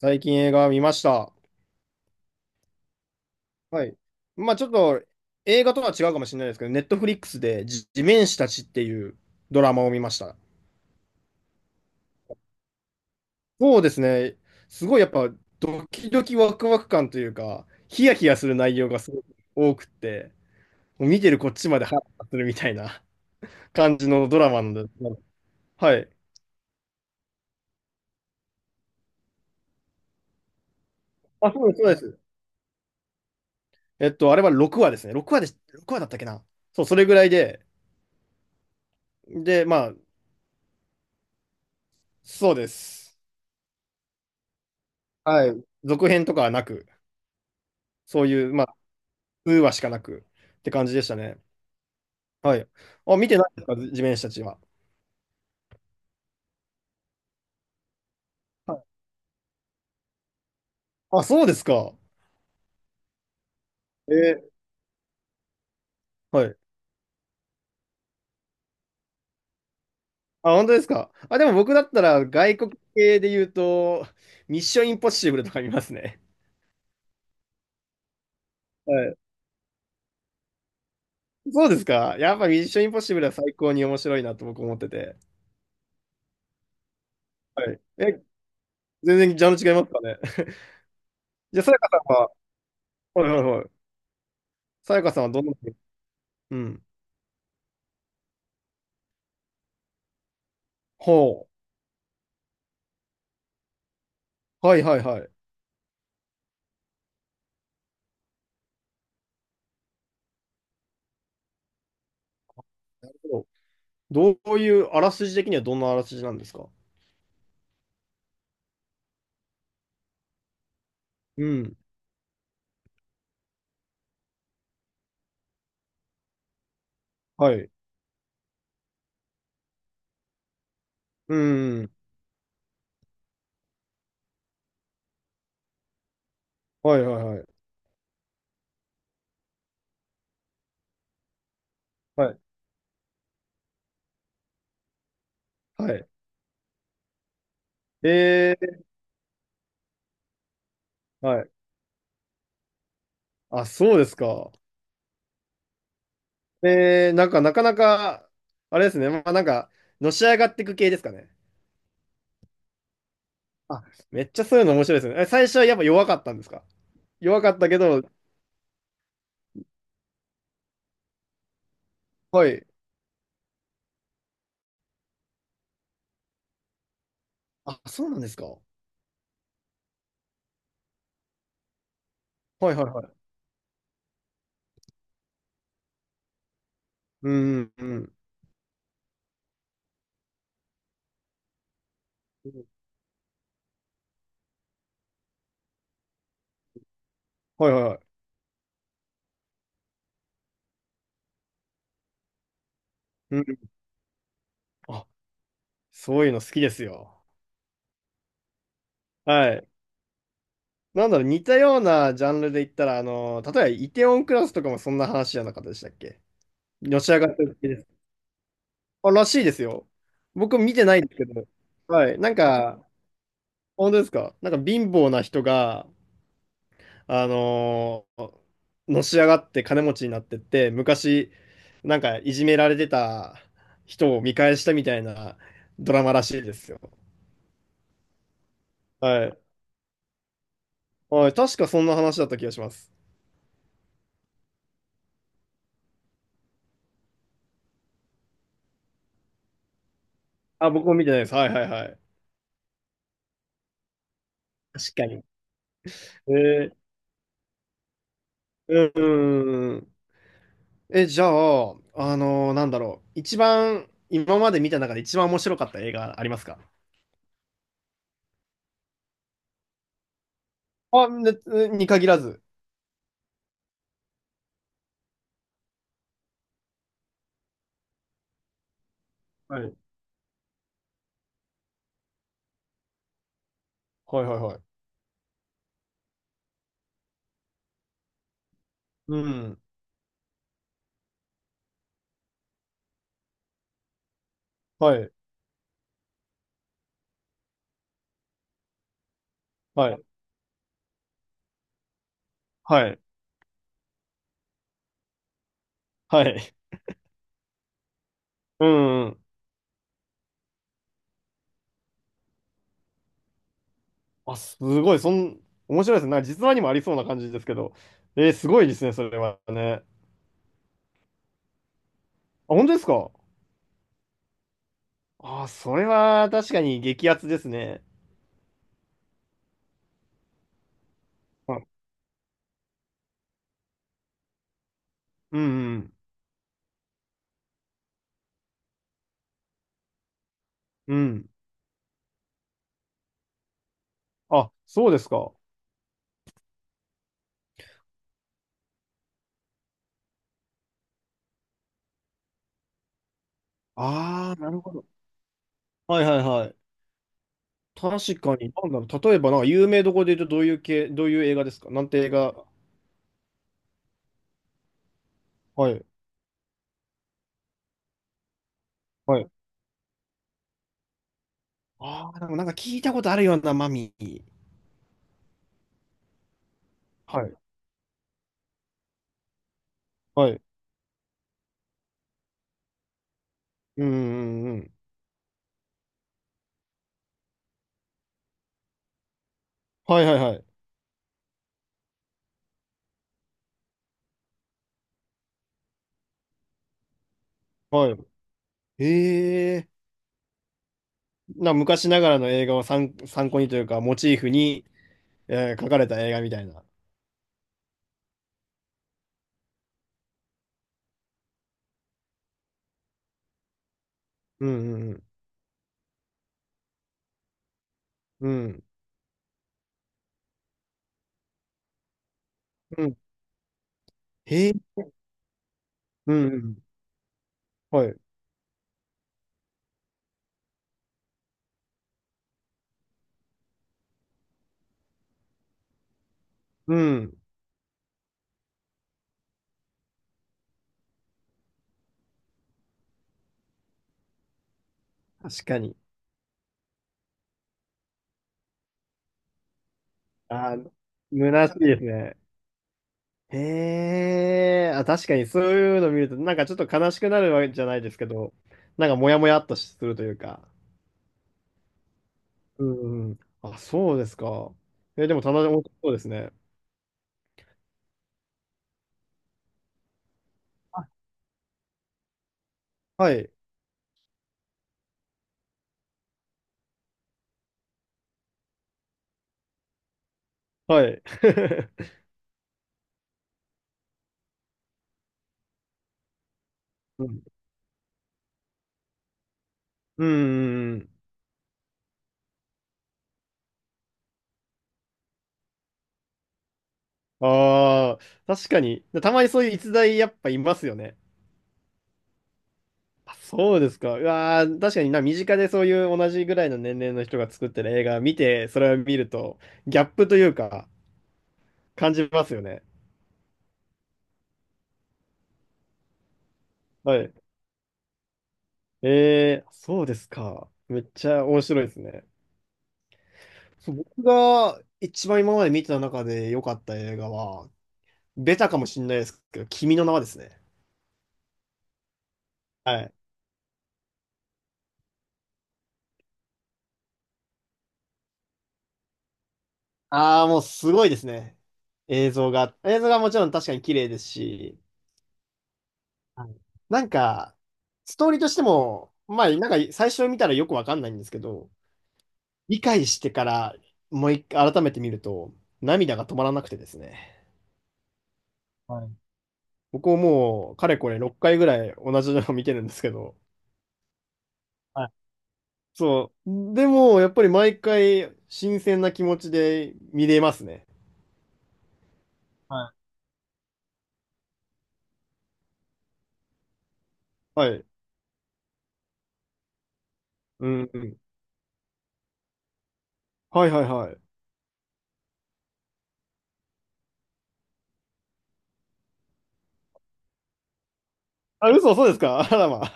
最近映画見ました。はい。まあちょっと映画とは違うかもしれないですけど、ネットフリックスで地面師たちっていうドラマを見ました。そうですね。すごいやっぱドキドキワクワク感というか、ヒヤヒヤする内容がすごく多くって、もう見てるこっちまでハラハラするみたいな 感じのドラマなんで。はい。あ、そうです、そうです。あれは6話ですね。6話で、6話だったっけな。そう、それぐらいで。で、まあ、そうです。はい。続編とかはなく、そういう、まあウーはしかなくって感じでしたね。はい。あ、見てないですか、地面師たちは。はい。あ、そうですか。えーはい。あ、本当ですか。あ、でも僕だったら外国系で言うと、ミッションインポッシブルとか見ますね。はい。そうですか。やっぱミッションインポッシブルは最高に面白いなと僕思ってて。はい。え、全然ジャンル違いますかね。じゃあ、さやかさんは、はいはいはい。さやかさんはどんな、うん。ほう。はいはいはい。なるほど。どういう、あらすじ的にはどんなあらすじなんですか？うん。はい。うん。はいはいはい。はい。はい。えはい。あ、そうですか。なんか、なかなか、あれですね。まあ、なんか、のし上がっていく系ですかね。あ、めっちゃそういうの面白いですね。え、最初はやっぱ弱かったんですか？弱かったけど、はい。あ、そうなんですか。はいはいはい。うんうんうん。はいはいはい。うん。あ、そういうの好きですよ。はい。なんだろう、似たようなジャンルで言ったら、あの、例えば、イテウォンクラスとかもそんな話じゃなかったでしたっけ？のし上がってる系です。あ、らしいですよ。僕見てないんですけど。はい。なんか、本当ですか？なんか貧乏な人が、あのーのし上がって金持ちになってって、昔、なんかいじめられてた人を見返したみたいなドラマらしいですよ。はい。はい。確かそんな話だった気がします。あ、僕も見てないです。はいはいはい。確かに。えうん。うん。え、じゃあ、なんだろう。一番、今まで見た中で一番面白かった映画ありますか？あ、ね、に限らず。はい。はいはいはい。うん。はい。はい。はい。はい。うんうん。あ、すごい。面白いですね。なんか実話にもありそうな感じですけど。すごいですね、それはね。あ、本当ですか？あ、それは確かに激アツですね。あ、うんうんうん。あ、そうですか。ああ、なるほど。はいはいはい。確かに、なんだろう。例えば、なんか有名どころで言うと、どういう系、どういう映画ですか？なんて映画。はい。はい。ああ、でもなんか聞いたことあるようなマミー。はい。はい。うんうんうん。はいはいはい。はい。へえ。昔ながらの映画を参考にというか、モチーフに、描かれた映画みたいな。うんうんうん。うん。うん。へえ。うんうん。はい。うん。確かに。あー、虚しいですね。へえ。あ、確かにそういうの見ると、なんかちょっと悲しくなるわけじゃないですけど、なんかモヤモヤっとするというか。うんうん。あ、そうですか。え、でも棚田面白そうですね。はい。はい。うん。うんうんうん。ああ、確かに。たまにそういう逸材やっぱいますよね。あ、そうですか。うわー、確かにな、身近でそういう同じぐらいの年齢の人が作ってる映画見て、それを見ると、ギャップというか、感じますよね。はい。そうですか。めっちゃ面白いですね。そう僕が一番今まで見てた中で良かった映画は、ベタかもしれないですけど、君の名はですね。はい。ああ、もうすごいですね。映像が。映像がもちろん確かに綺麗ですし、はい。なんか、ストーリーとしても、まあ、なんか最初見たらよくわかんないんですけど、理解してからもう一回改めて見ると、涙が止まらなくてですね。はい。僕ももう、かれこれ6回ぐらい同じのを見てるんですけど、はい。そう。でも、やっぱり毎回新鮮な気持ちで見れますね。はいはい。うんうん。はいはいはい。あ、嘘、そうですか？ あらま。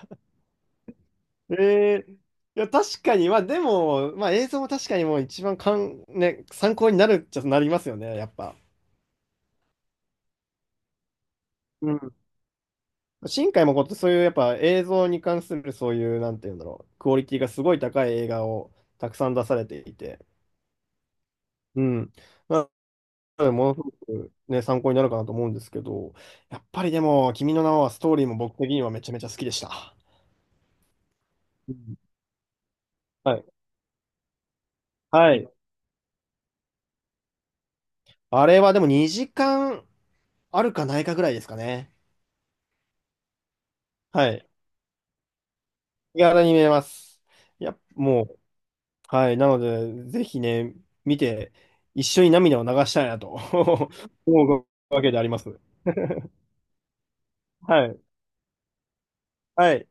えーいや、確かに、まあでも、まあ映像も確かにもう一番ね、参考になるっちゃなりますよね、やっぱ。うん。新海誠ってそういうやっぱ映像に関するそういう、なんて言うんだろう、クオリティがすごい高い映画をたくさん出されていて、うん。なので、ものすごくね、参考になるかなと思うんですけど、やっぱりでも、君の名はストーリーも僕的にはめちゃめちゃ好きでした。うん。はい。はい。あれはでも2時間あるかないかぐらいですかね。はい。気軽に見れます。いや、もう、はい。なので、ぜひね、見て、一緒に涙を流したいなと 思うわけであります。はい。はい。